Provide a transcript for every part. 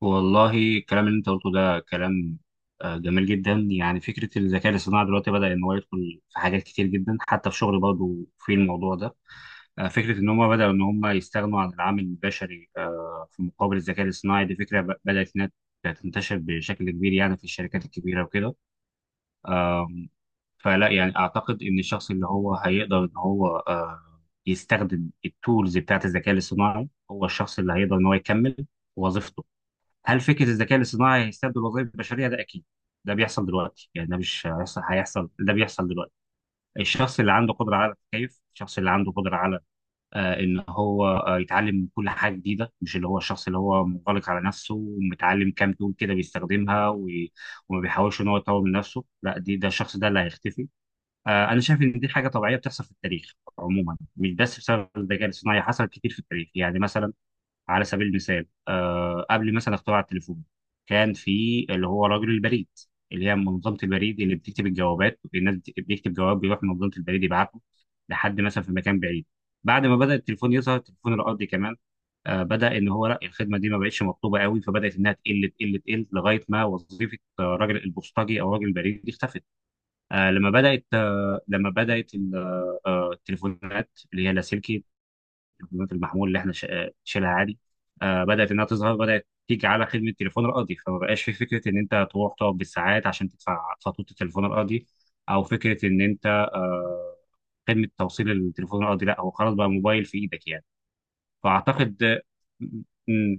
والله، الكلام اللي انت قلته ده كلام جميل جدا. يعني فكره الذكاء الاصطناعي دلوقتي بدا ان هو يدخل في حاجات كتير جدا، حتى في شغل برضه في الموضوع ده. فكره ان هم بداوا ان هم يستغنوا عن العامل البشري في مقابل الذكاء الاصطناعي. دي فكره بدات انها تنتشر بشكل كبير يعني في الشركات الكبيره وكده. آم، فلا يعني اعتقد ان الشخص اللي هو هيقدر ان هو يستخدم التولز بتاعت الذكاء الاصطناعي، هو الشخص اللي هيقدر ان هو يكمل وظيفته. هل فكره الذكاء الاصطناعي هيستبدل الوظائف البشريه؟ ده اكيد، ده بيحصل دلوقتي. يعني ده مش هيحصل، هيحصل، ده بيحصل دلوقتي. الشخص اللي عنده قدره على التكيف، الشخص اللي عنده قدره على ان هو يتعلم كل حاجه جديده، مش اللي هو الشخص اللي هو منغلق على نفسه ومتعلم كام تول كده بيستخدمها وما بيحاولش ان هو يطور من نفسه. لا دي ده الشخص ده اللي هيختفي. انا شايف ان دي حاجه طبيعيه بتحصل في التاريخ عموما، مش بس بسبب الذكاء الاصطناعي، حصلت كتير في التاريخ. يعني مثلا، على سبيل المثال قبل مثلا اختراع التليفون كان في اللي هو رجل البريد، اللي هي منظمة البريد اللي بتكتب الجوابات. الناس بيكتب جواب، بيروح منظمة البريد يبعته لحد مثلا في مكان بعيد. بعد ما بدأ التليفون يظهر، التليفون الأرضي كمان بدأ، إن هو لا الخدمة دي ما بقتش مطلوبة قوي، فبدأت إنها تقل تقل تقل لغاية ما وظيفة راجل البوسطجي أو راجل البريد دي اختفت. لما بدأت التليفونات اللي هي اللاسلكي، البيانات المحمول اللي احنا شايلها عادي. بدات انها تظهر، بدات تيجي على خدمه التليفون الارضي، فما بقاش في فكره ان انت تروح تقعد بالساعات عشان تدفع فاتوره التليفون الارضي، او فكره ان انت خدمه توصيل التليفون الارضي. لا هو خلاص بقى موبايل في ايدك يعني. فاعتقد. م- م-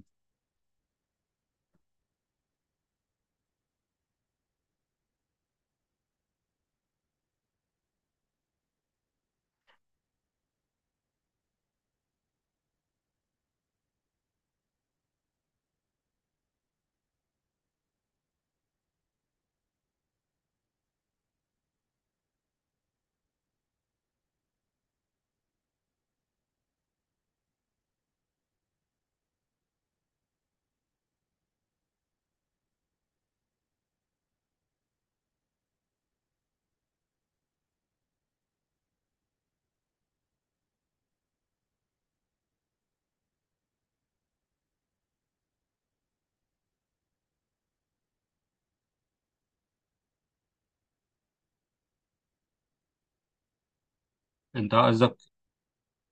انت قصدك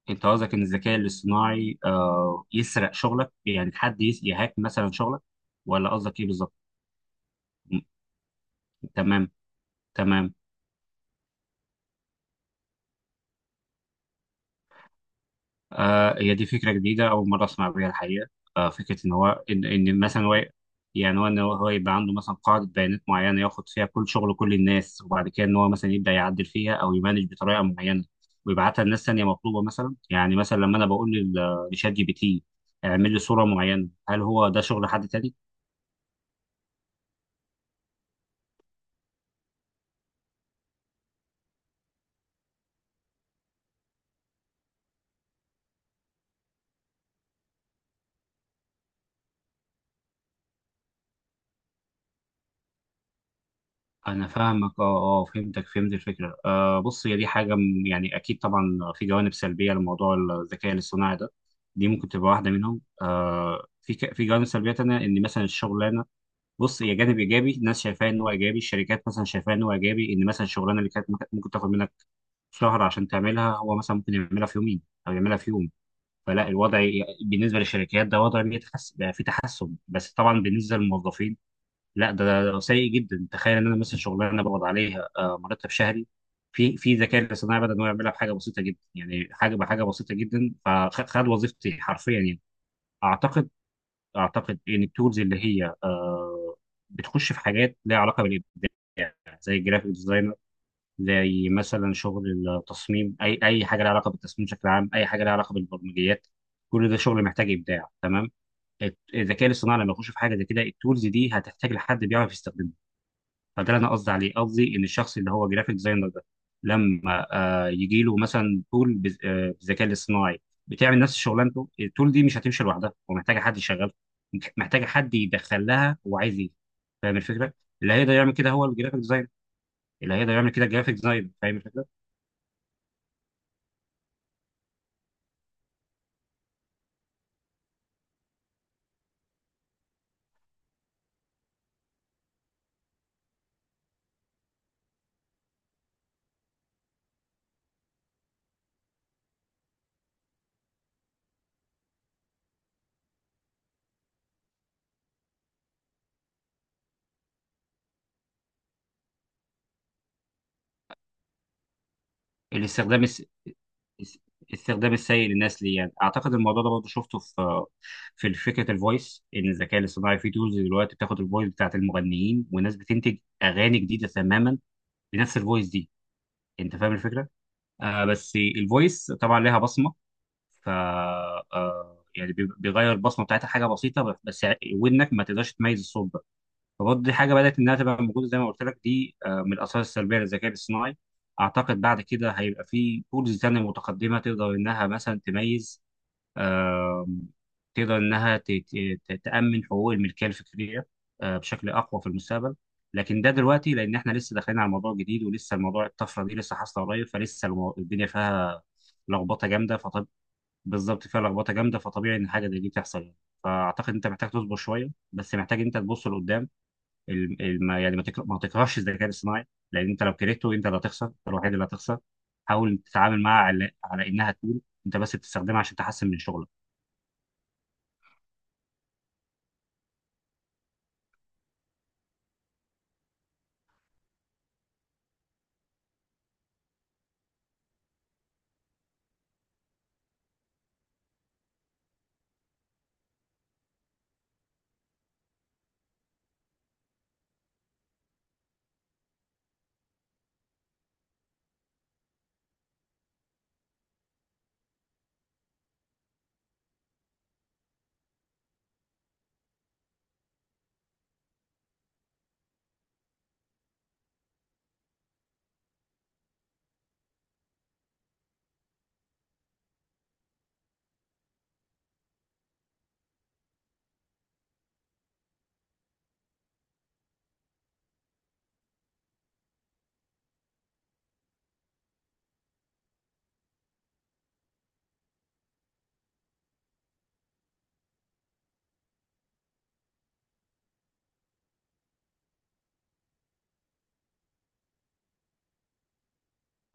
انت قصدك ان الذكاء الاصطناعي يسرق شغلك، يعني حد يهاك مثلا شغلك؟ ولا قصدك ايه بالظبط؟ م- تمام. تمام. هي دي فكرة جديدة، أول مرة أسمع بيها الحقيقة. فكرة إن هو إن, إن مثلا هو يعني هو إن هو هو يبقى عنده مثلا قاعدة بيانات معينة ياخد فيها كل شغل كل الناس، وبعد كده إن هو مثلا يبدأ يعدل فيها أو يمانج بطريقة معينة، ويبعتها لناس تانية مطلوبة مثلا. يعني مثلا لما أنا بقول لشات GPT اعمل لي صورة معينة، هل هو ده شغل حد تاني؟ انا فاهمك، اه اه، فهمتك، فهمت الفكره. بص هي دي حاجه يعني اكيد طبعا في جوانب سلبيه لموضوع الذكاء الاصطناعي ده. دي ممكن تبقى واحده منهم. في في جوانب سلبيه تانية، ان مثلا الشغلانه، بص هي جانب ايجابي. الناس شايفاه ان هو ايجابي، الشركات مثلا شايفاه ان هو ايجابي، ان مثلا الشغلانه اللي كانت ممكن تاخد منك شهر عشان تعملها، هو مثلا ممكن يعملها في يومين او يعملها في يوم. فلا الوضع بالنسبه للشركات ده وضع بيتحسن، بقى في تحسن. بس طبعا بالنسبه للموظفين لا، ده سيء جدا. تخيل ان انا مثلا شغلانه بقبض عليها مرتب شهري، في ذكاء الاصطناعي بدا ان هو يعملها بحاجه بسيطه جدا، يعني بحاجه بسيطه جدا. فخد خد وظيفتي حرفيا يعني. اعتقد اعتقد ان التولز اللي هي بتخش في حاجات ليها علاقه بالابداع، زي الجرافيك ديزاينر، زي مثلا شغل التصميم. اي حاجه ليها علاقه بالتصميم بشكل عام، اي حاجه ليها علاقه بالبرمجيات، كل ده شغل محتاج ابداع. تمام. الذكاء الاصطناعي لما يخش في حاجه زي كده، التولز دي هتحتاج لحد بيعرف يستخدمها. فده اللي انا قصدي عليه، قصدي ان الشخص اللي هو جرافيك ديزاينر ده لما يجي له مثلا تول بالذكاء الاصطناعي بتعمل نفس شغلانته، التول دي مش هتمشي لوحدها، ومحتاجه حد يشغلها، محتاجه حد يدخل لها هو عايز ايه. فاهم الفكره؟ اللي هيقدر يعمل كده هو الجرافيك ديزاينر، اللي هيقدر يعمل كده الجرافيك ديزاينر. فاهم الفكره؟ الاستخدام الس... الس- الاستخدام السيء للناس ليه يعني. اعتقد الموضوع ده برضه شفته في فكره الفويس. ان الذكاء الاصطناعي في تولز دلوقتي بتاخد الفويس بتاعت المغنيين، والناس بتنتج اغاني جديده تماما بنفس الفويس دي. انت فاهم الفكره؟ بس الفويس طبعا لها بصمه، ف يعني بيغير البصمه بتاعتها حاجه بسيطه بس ودنك ما تقدرش تميز الصوت. فبرضه دي حاجه بدات انها تبقى موجوده، زي ما قلت لك، دي من الاثار السلبيه للذكاء الاصطناعي. اعتقد بعد كده هيبقى في تولز تانية متقدمه تقدر انها مثلا تميز. آم، تقدر انها تامن حقوق الملكيه الفكريه بشكل اقوى في المستقبل. لكن ده دلوقتي لان احنا لسه داخلين على موضوع جديد، ولسه الموضوع الطفره دي لسه حاصله قريب، فلسه الدنيا فيها لخبطه جامده فطب. بالظبط، فيها لخبطه جامده فطبيعي ان حاجه زي دي تحصل يعني. فاعتقد انت محتاج تصبر شويه، بس محتاج انت تبص لقدام. ما يعني ما تكرهش الذكاء الاصطناعي، لان انت لو كرهته، انت اللي هتخسر، انت الوحيد اللي هتخسر. حاول تتعامل معها على انها تكون، انت بس بتستخدمها عشان تحسن من شغلك.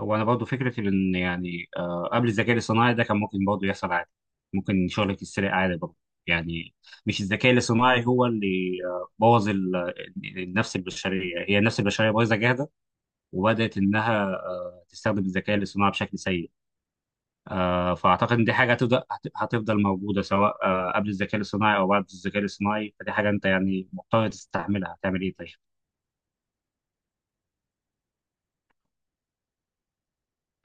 هو انا برضه فكره ان يعني قبل الذكاء الاصطناعي ده كان ممكن برضه يحصل عادي، ممكن شغلك يتسرق عادي برضه يعني. مش الذكاء الاصطناعي هو اللي بوظ النفس البشريه، هي النفس البشريه بايظه جاهزه، وبدات انها تستخدم الذكاء الاصطناعي بشكل سيء. فاعتقد ان دي حاجه هتفضل موجوده، سواء قبل الذكاء الصناعي او بعد الذكاء الصناعي. فدي حاجه انت يعني مضطر تستحملها، هتعمل ايه؟ طيب.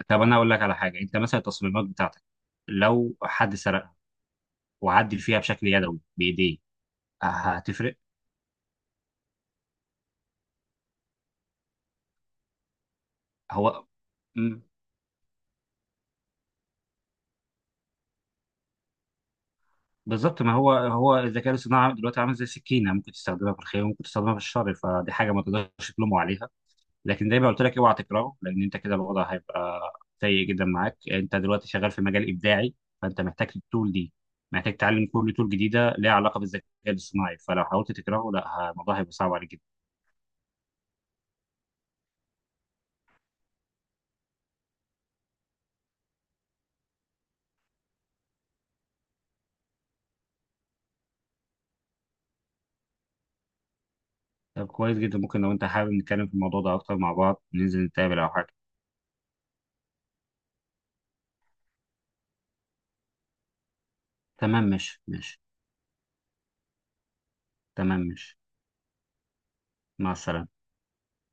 طب انا اقول لك على حاجه. انت مثلا التصميمات بتاعتك لو حد سرقها وعدل فيها بشكل يدوي بايديه، هتفرق؟ هو مم، بالظبط. ما هو الذكاء الصناعي دلوقتي عامل زي سكينه، ممكن تستخدمها في الخير وممكن تستخدمها في الشر، فدي حاجه ما تقدرش تلومه عليها. لكن زي ما قلت لك اوعى تكرهه، لان انت كده الوضع هيبقى سيء جدا معاك. انت دلوقتي شغال في مجال ابداعي، فانت محتاج التول دي، محتاج تتعلم كل تول جديده ليها علاقه بالذكاء الاصطناعي. فلو حاولت تكرهه، لا الموضوع هيبقى صعب عليك جدا. طب كويس جدا، ممكن لو انت حابب نتكلم في الموضوع ده اكتر مع بعض، ننزل نتقابل او حاجه؟ تمام، ماشي ماشي. تمام ماشي. مع السلامه.